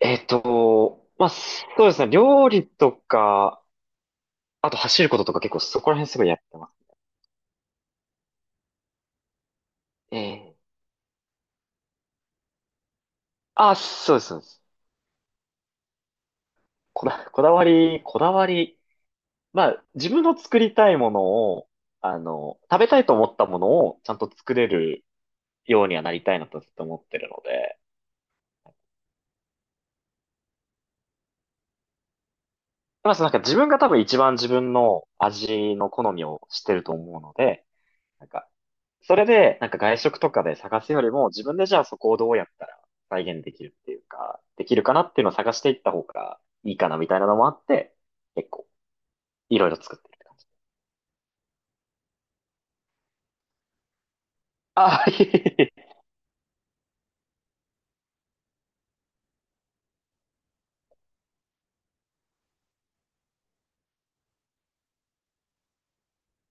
まあ、そうですね。料理とか、あと走ることとか結構そこら辺すごいやってます。ええ。あ、そうです、そうです。こだわり。まあ、自分の作りたいものを、食べたいと思ったものをちゃんと作れるようにはなりたいなとずっと思ってるので。まあ、自分が多分一番自分の味の好みを知ってると思うので、なんか、それで、外食とかで探すよりも、自分でじゃあそこをどうやったら再現できるっていうか、できるかなっていうのを探していった方がいいかなみたいなのもあって、結構、いろいろ作ってる。ああ、いえいえ。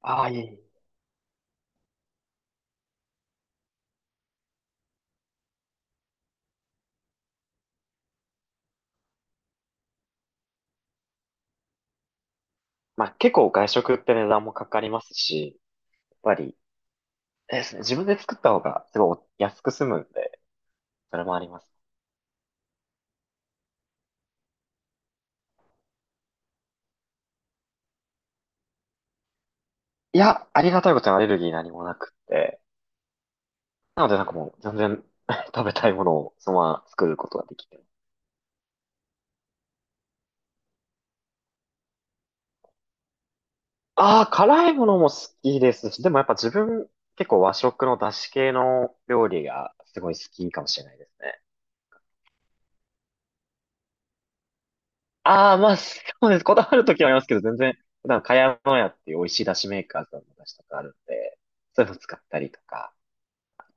ああ、いえいえ。まあ結構外食って値段もかかりますし、やっぱり、あれですね、自分で作った方がすごい安く済むんで、それもあります。いや、ありがたいことにアレルギー何もなくって、なのでもう全然 食べたいものをそのまま作ることができて。ああ、辛いものも好きですし、でもやっぱ自分、結構和食の出汁系の料理がすごい好きかもしれないですね。ああ、まあ、そうです。こだわるときはありますけど、全然、普段、かやのやっていう美味しい出汁メーカーさんの出汁とかあるんで、そういうの使ったりとか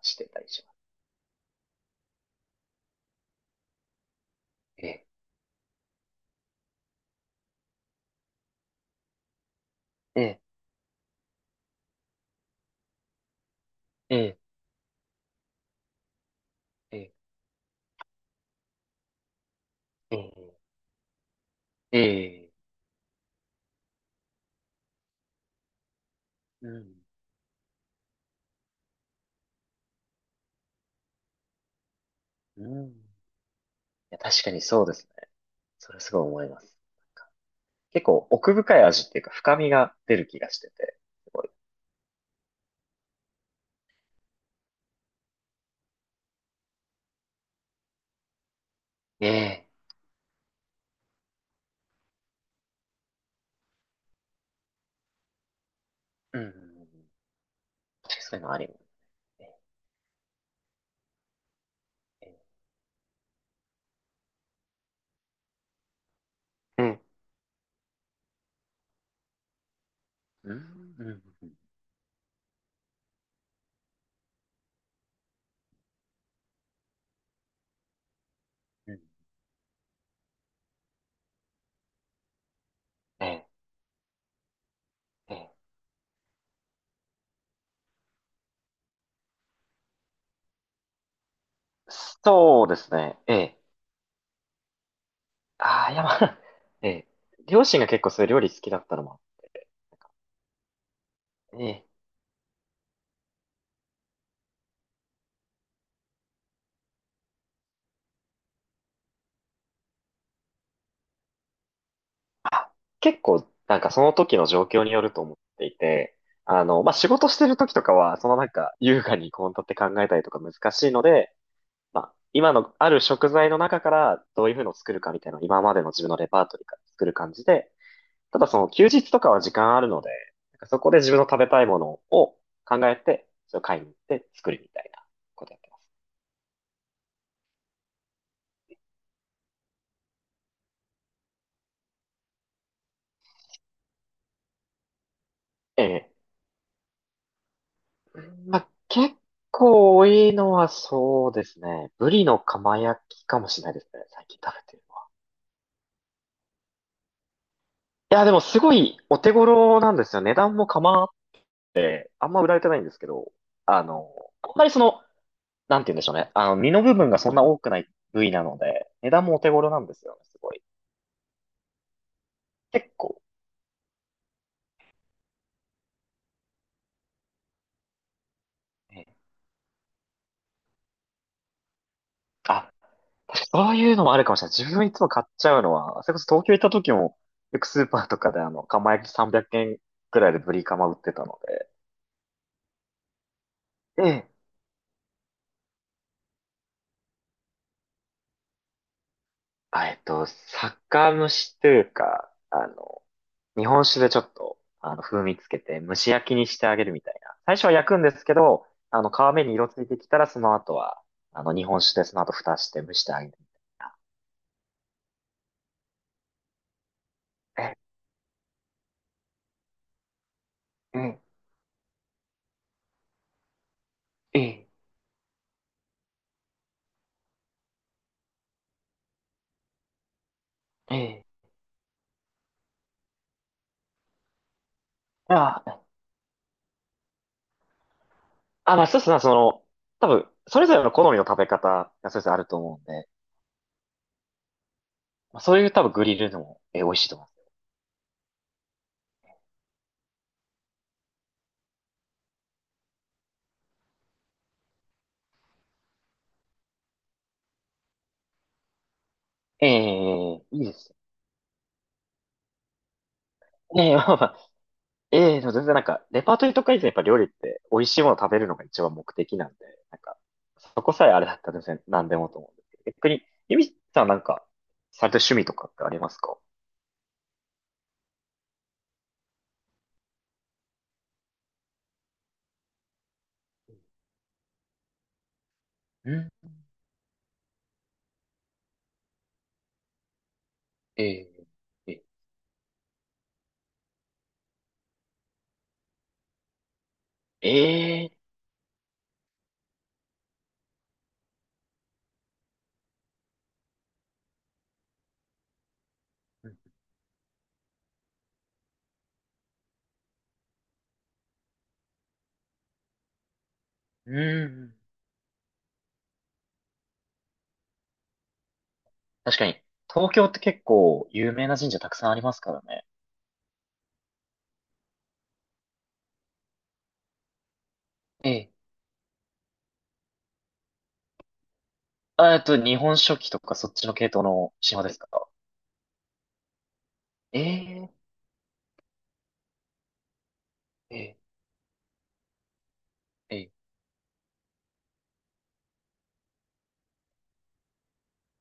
してたりします。ええ、ええ、ええ、ええ、ええ、うん、うん。いや、確かにそうですね。それすごい思います。なんか結構奥深い味っていうか、深みが出る気がしてて、すごい。ええ、うん。確かにそういうのあるよね。うん。うん、うん、うん、うん。ええ、ええ。そうですね。ええ。ああ、いや、まあ、ええ。両親が結構そういう料理好きだったのもあって、ええ。あ、結構、その時の状況によると思っていて、まあ、仕事してる時とかは、優雅に献立って考えたりとか難しいので、まあ、今のある食材の中からどういうふうのを作るかみたいな、今までの自分のレパートリーから作る感じで、ただその休日とかは時間あるので、そこで自分の食べたいものを考えて、それを買いに行って作るみたいなことやってます。ええ。まあ、結構多いのはそうですね。ブリの釜焼きかもしれないですね。最近食べてるのは。いや、でもすごいお手頃なんですよ。値段も構わって、あんま売られてないんですけど、あの、あんまりその、なんて言うんでしょうね。身の部分がそんな多くない部位なので、値段もお手頃なんですよね。すごい。結構。ええ。あ、そういうのもあるかもしれない。自分いつも買っちゃうのは、それこそ東京行った時も、よくスーパーとかで釜焼き300円くえんくらいでブリカマ売ってたので、で、酒蒸しというか、日本酒でちょっと、風味つけて蒸し焼きにしてあげるみたいな。最初は焼くんですけど、皮目に色ついてきたら、その後は、日本酒でその後蓋して蒸してあげるみたいな。え、え、え、え、え、ああ、まあそうですね、多分、それぞれの好みの食べ方がそれぞれあると思うんで、まあ、そういう多分グリルでも、美味しいと思います。ええ、いいですね。ええ、まあまあ、ええでも全然レパートリーとか以前やっぱ料理って美味しいものを食べるのが一番目的なんで、なんか、そこさえあれだったら全然何でもと思うんですけど、逆に、ゆみさんされてる趣味とかってありますか？うん、ええ、ええ、ええ、うん。うん、確かに、東京って結構有名な神社たくさんありますからね。ええ。あ、日本書紀とかそっちの系統の島ですか？え、え、え、え、え、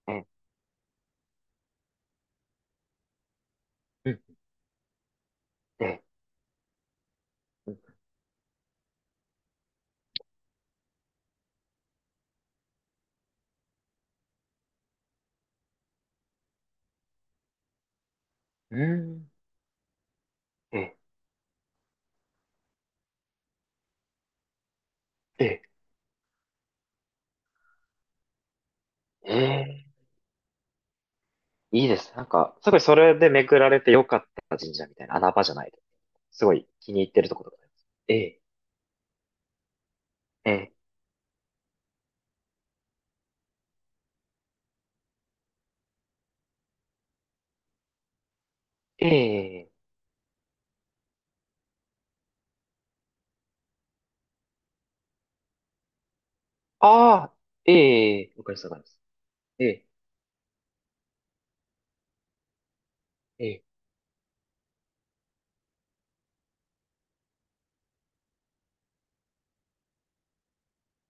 え、え、え、え、うん、うん、ええ、ええ、ええ、いいです。すごいそれで巡られてよかった神社みたいな穴場じゃないです。すごい気に入ってるところがあります。ええ、ええ、ええ、ああ、ええ、わかります、わかります。ええ、ええ、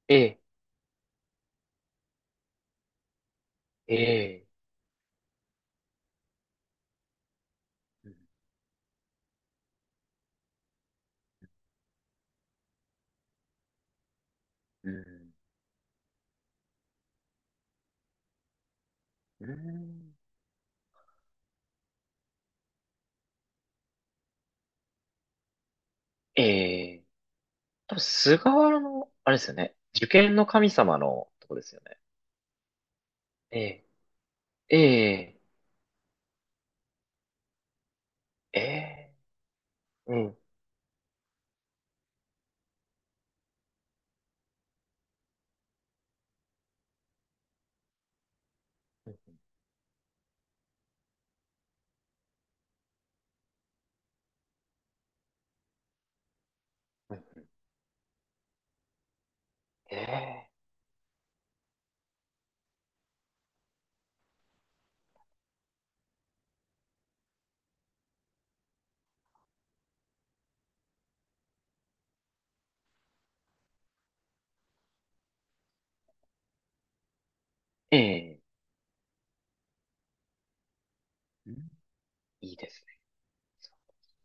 ええ、ええ、うん、うん、うん、ええ。多分菅原の、あれですよね。受験の神様のとこですよね。ええ、ええ、ええ、うん、うん、うん、ええ、ええ、うん。いいですね。